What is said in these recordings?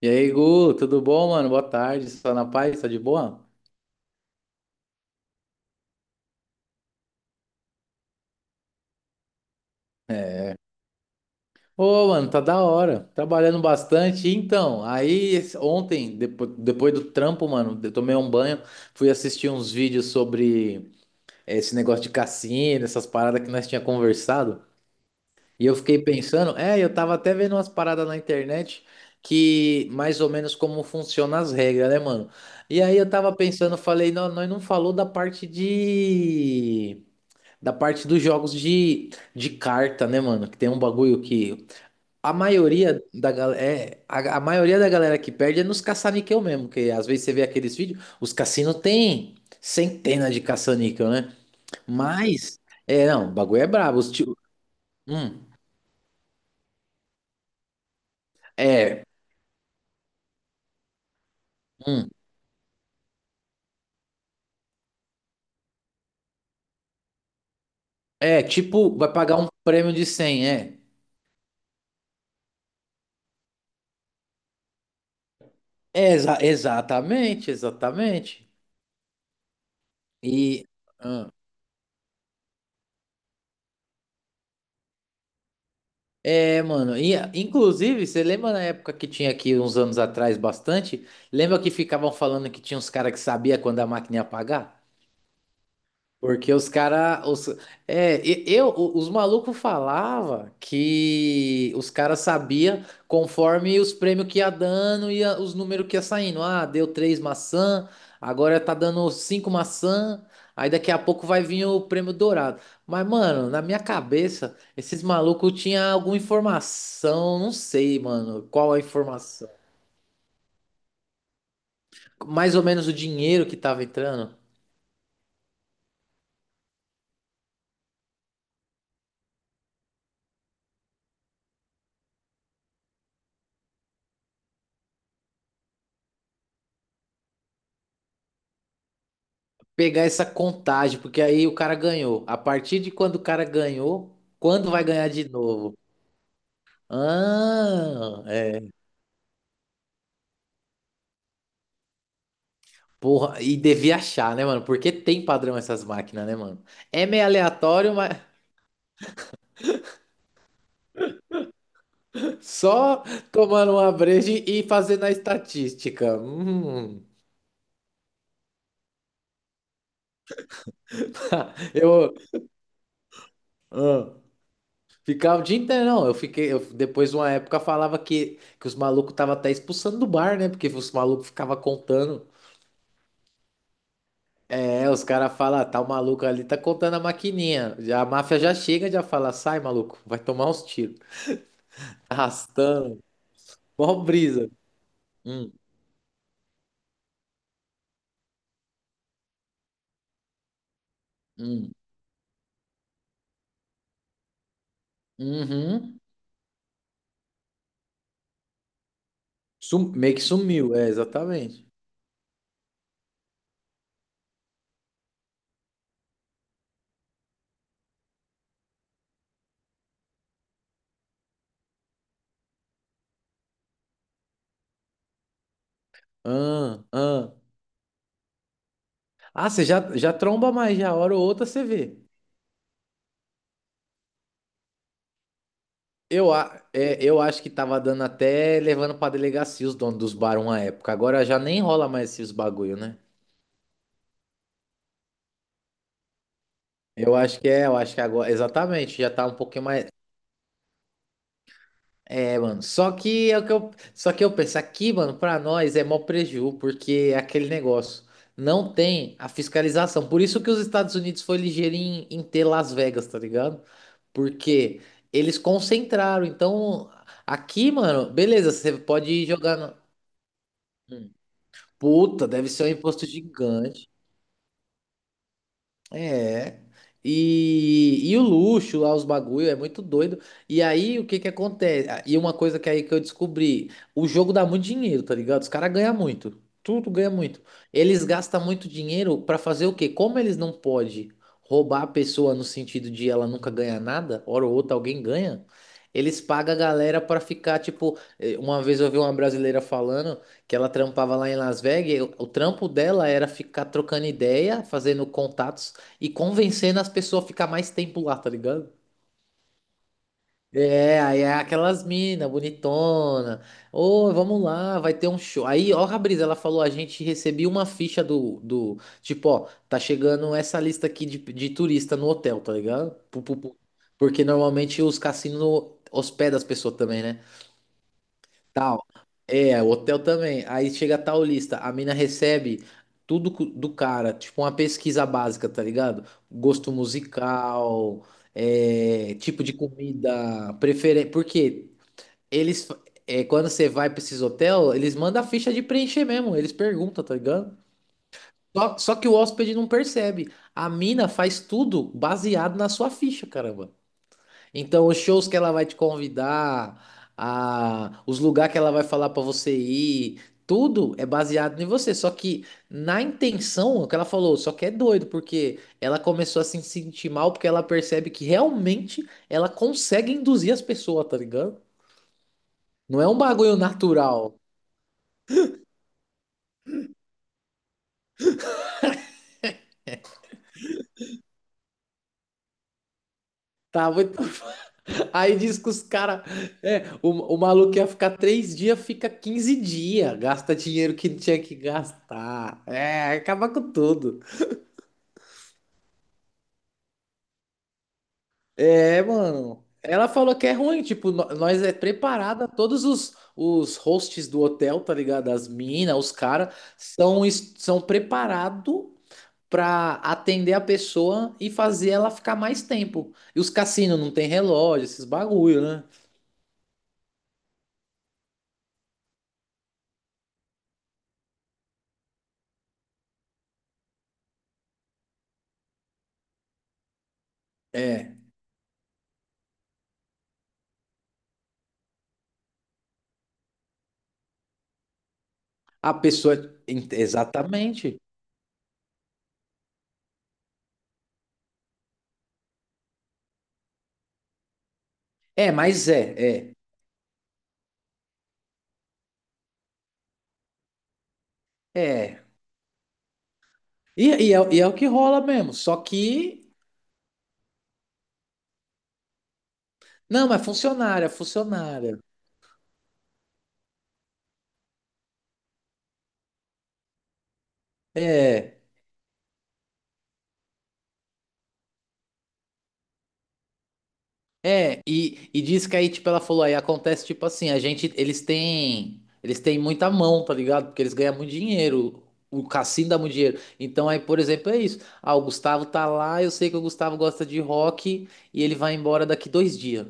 E aí, Gu, tudo bom, mano? Boa tarde, só na paz, tá de boa? Ô, mano, tá da hora, trabalhando bastante. Então, ontem, depois do trampo, mano, eu tomei um banho, fui assistir uns vídeos sobre esse negócio de cassino, essas paradas que nós tinha conversado. E eu fiquei pensando, é, eu tava até vendo umas paradas na internet que mais ou menos como funcionam as regras, né, mano? E aí eu tava pensando, falei, não, nós não falou da parte de da parte dos jogos de carta, né, mano? Que tem um bagulho que a maioria da galera é, a maioria da galera que perde é nos caça-níquel mesmo, que às vezes você vê aqueles vídeos, os cassinos têm centenas de caça-níquel, né? Mas é, não, o bagulho é brabo, os tio, hum, é, hum, é, tipo, vai pagar um prêmio de 100, é. É, exatamente, exatamente. E É, mano, e, inclusive, você lembra na época que tinha aqui uns anos atrás bastante? Lembra que ficavam falando que tinha uns caras que sabia quando a máquina ia apagar? Porque os cara, os, é, os malucos falava que os caras sabia conforme os prêmios que ia dando e os números que ia saindo. Ah, deu três maçã, agora tá dando cinco maçã, aí daqui a pouco vai vir o prêmio dourado. Mas, mano, na minha cabeça, esses malucos tinham alguma informação, não sei, mano, qual a informação. Mais ou menos o dinheiro que tava entrando. Pegar essa contagem, porque aí o cara ganhou. A partir de quando o cara ganhou, quando vai ganhar de novo? Ah, é. Porra, e devia achar, né, mano? Porque tem padrão essas máquinas, né, mano? É meio aleatório, mas só tomando uma breja e fazendo a estatística. Hum. Eu ah, ficava o dia inteiro, não. Eu fiquei, eu, depois de uma época falava que os malucos estavam até expulsando do bar, né? Porque os malucos ficavam contando. É, os caras falam, tá o maluco ali, tá contando a maquininha. A máfia já chega, já fala, sai, maluco, vai tomar uns tiros. Arrastando, mó brisa. Hum, hum, uhum. Meio que sumiu, é, exatamente. Ah, ah. Ah, você já, já tromba mais, já, hora ou outra você vê. É, eu acho que tava dando até levando pra delegacia os donos dos bares uma época. Agora já nem rola mais esses bagulho, né? Eu acho que é, eu acho que agora, exatamente, já tá um pouquinho mais. É, mano, só que é o que eu, só que eu penso aqui, mano, pra nós é mó preju, porque é aquele negócio, não tem a fiscalização. Por isso que os Estados Unidos foi ligeiro em, em ter Las Vegas, tá ligado? Porque eles concentraram. Então, aqui, mano, beleza, você pode jogar no... Hum. Puta, deve ser um imposto gigante. É. E, e o luxo lá, os bagulho, é muito doido. E aí, o que que acontece? Ah, e uma coisa que aí que eu descobri, o jogo dá muito dinheiro, tá ligado? Os caras ganham muito. Tudo ganha muito. Eles gastam muito dinheiro pra fazer o quê? Como eles não podem roubar a pessoa no sentido de ela nunca ganhar nada, hora ou outra alguém ganha, eles pagam a galera pra ficar, tipo, uma vez eu vi uma brasileira falando que ela trampava lá em Las Vegas, e o trampo dela era ficar trocando ideia, fazendo contatos e convencendo as pessoas a ficar mais tempo lá, tá ligado? É, aí é aquelas mina bonitona. Ô, vamos lá, vai ter um show. Aí, ó, a brisa, ela falou, a gente recebeu uma ficha tipo, ó, tá chegando essa lista aqui de turista no hotel, tá ligado? Pu, pu, pu. Porque normalmente os cassinos hospedam as pessoas também, né? Tal. É, o hotel também. Aí chega tal lista, a mina recebe tudo do cara, tipo uma pesquisa básica, tá ligado? Gosto musical, é, tipo de comida, preferência. Porque eles, é, quando você vai pra esses hotel, eles mandam a ficha de preencher mesmo, eles perguntam, tá ligado? Só, só que o hóspede não percebe. A mina faz tudo baseado na sua ficha, caramba. Então, os shows que ela vai te convidar, a, os lugares que ela vai falar pra você ir, tudo é baseado em você. Só que na intenção, o que ela falou, só que é doido, porque ela começou a se sentir mal porque ela percebe que realmente ela consegue induzir as pessoas, tá ligado? Não é um bagulho natural. Tá, muito... Aí diz que os caras. É, o maluco ia ficar 3 dias, fica 15 dias. Gasta dinheiro que não tinha que gastar. É, acaba com tudo. É, mano. Ela falou que é ruim, tipo, nós é preparada, todos os hosts do hotel, tá ligado? As minas, os caras, são, são preparados pra atender a pessoa e fazer ela ficar mais tempo. E os cassinos não tem relógio, esses bagulho, né? É, a pessoa. Exatamente. É, mas é, é, é. E é o que rola mesmo. Só que. Não, mas funcionária, funcionária. É. É, e diz que aí, tipo, ela falou, aí acontece, tipo assim, a gente, eles têm muita mão, tá ligado? Porque eles ganham muito dinheiro, o cassino dá muito dinheiro. Então aí, por exemplo, é isso. Ah, o Gustavo tá lá, eu sei que o Gustavo gosta de rock e ele vai embora daqui 2 dias.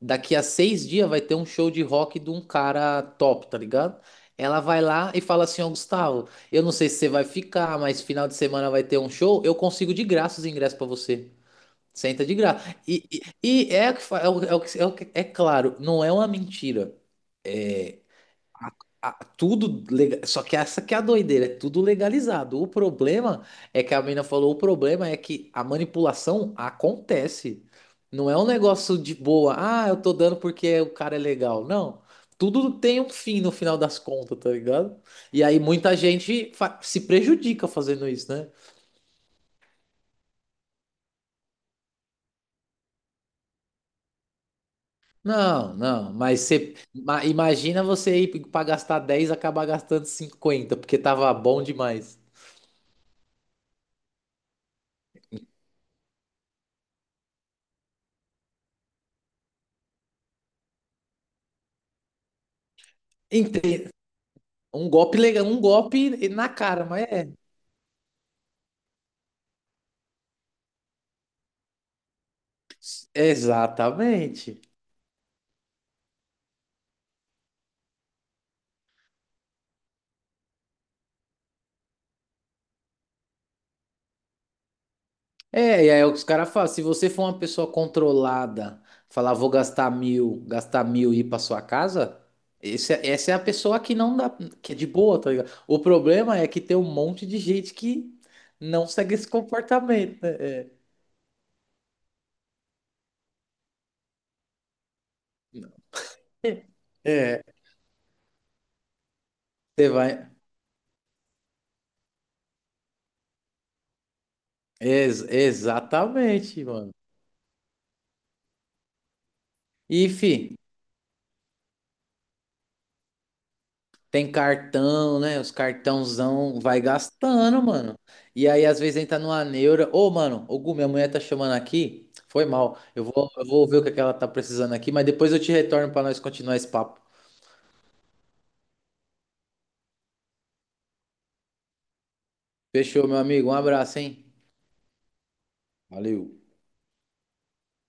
Daqui a 6 dias vai ter um show de rock de um cara top, tá ligado? Ela vai lá e fala assim, ó, Gustavo, eu não sei se você vai ficar, mas final de semana vai ter um show, eu consigo de graça os ingressos pra você. Senta de graça. E é, o que fa- é, o, é, o que- é, o que- é claro, não é uma mentira. É, a- tudo legal, só que essa que é a doideira, é tudo legalizado. O problema é que a menina falou, o problema é que a manipulação acontece. Não é um negócio de boa, ah, eu tô dando porque o cara é legal. Não. Tudo tem um fim no final das contas, tá ligado? E aí muita gente se prejudica fazendo isso, né? Não, não, mas você imagina você ir pra gastar 10, e acabar gastando 50 porque tava bom demais. Ente- Um golpe legal, um golpe na cara, mas é. Exatamente. É, e aí os caras falam, se você for uma pessoa controlada, falar vou gastar 1.000, gastar mil e ir pra sua casa, essa é a pessoa que não dá, que é de boa, tá ligado? O problema é que tem um monte de gente que não segue esse comportamento, né? É. É. É, você vai. Exatamente, mano. E, fi, tem cartão, né? Os cartãozão vai gastando, mano. E aí, às vezes, entra numa neura. Ô, mano, ô, Gu, minha mulher tá chamando aqui. Foi mal. Eu vou ver o que é que ela tá precisando aqui, mas depois eu te retorno pra nós continuar esse papo. Fechou, meu amigo. Um abraço, hein? Valeu.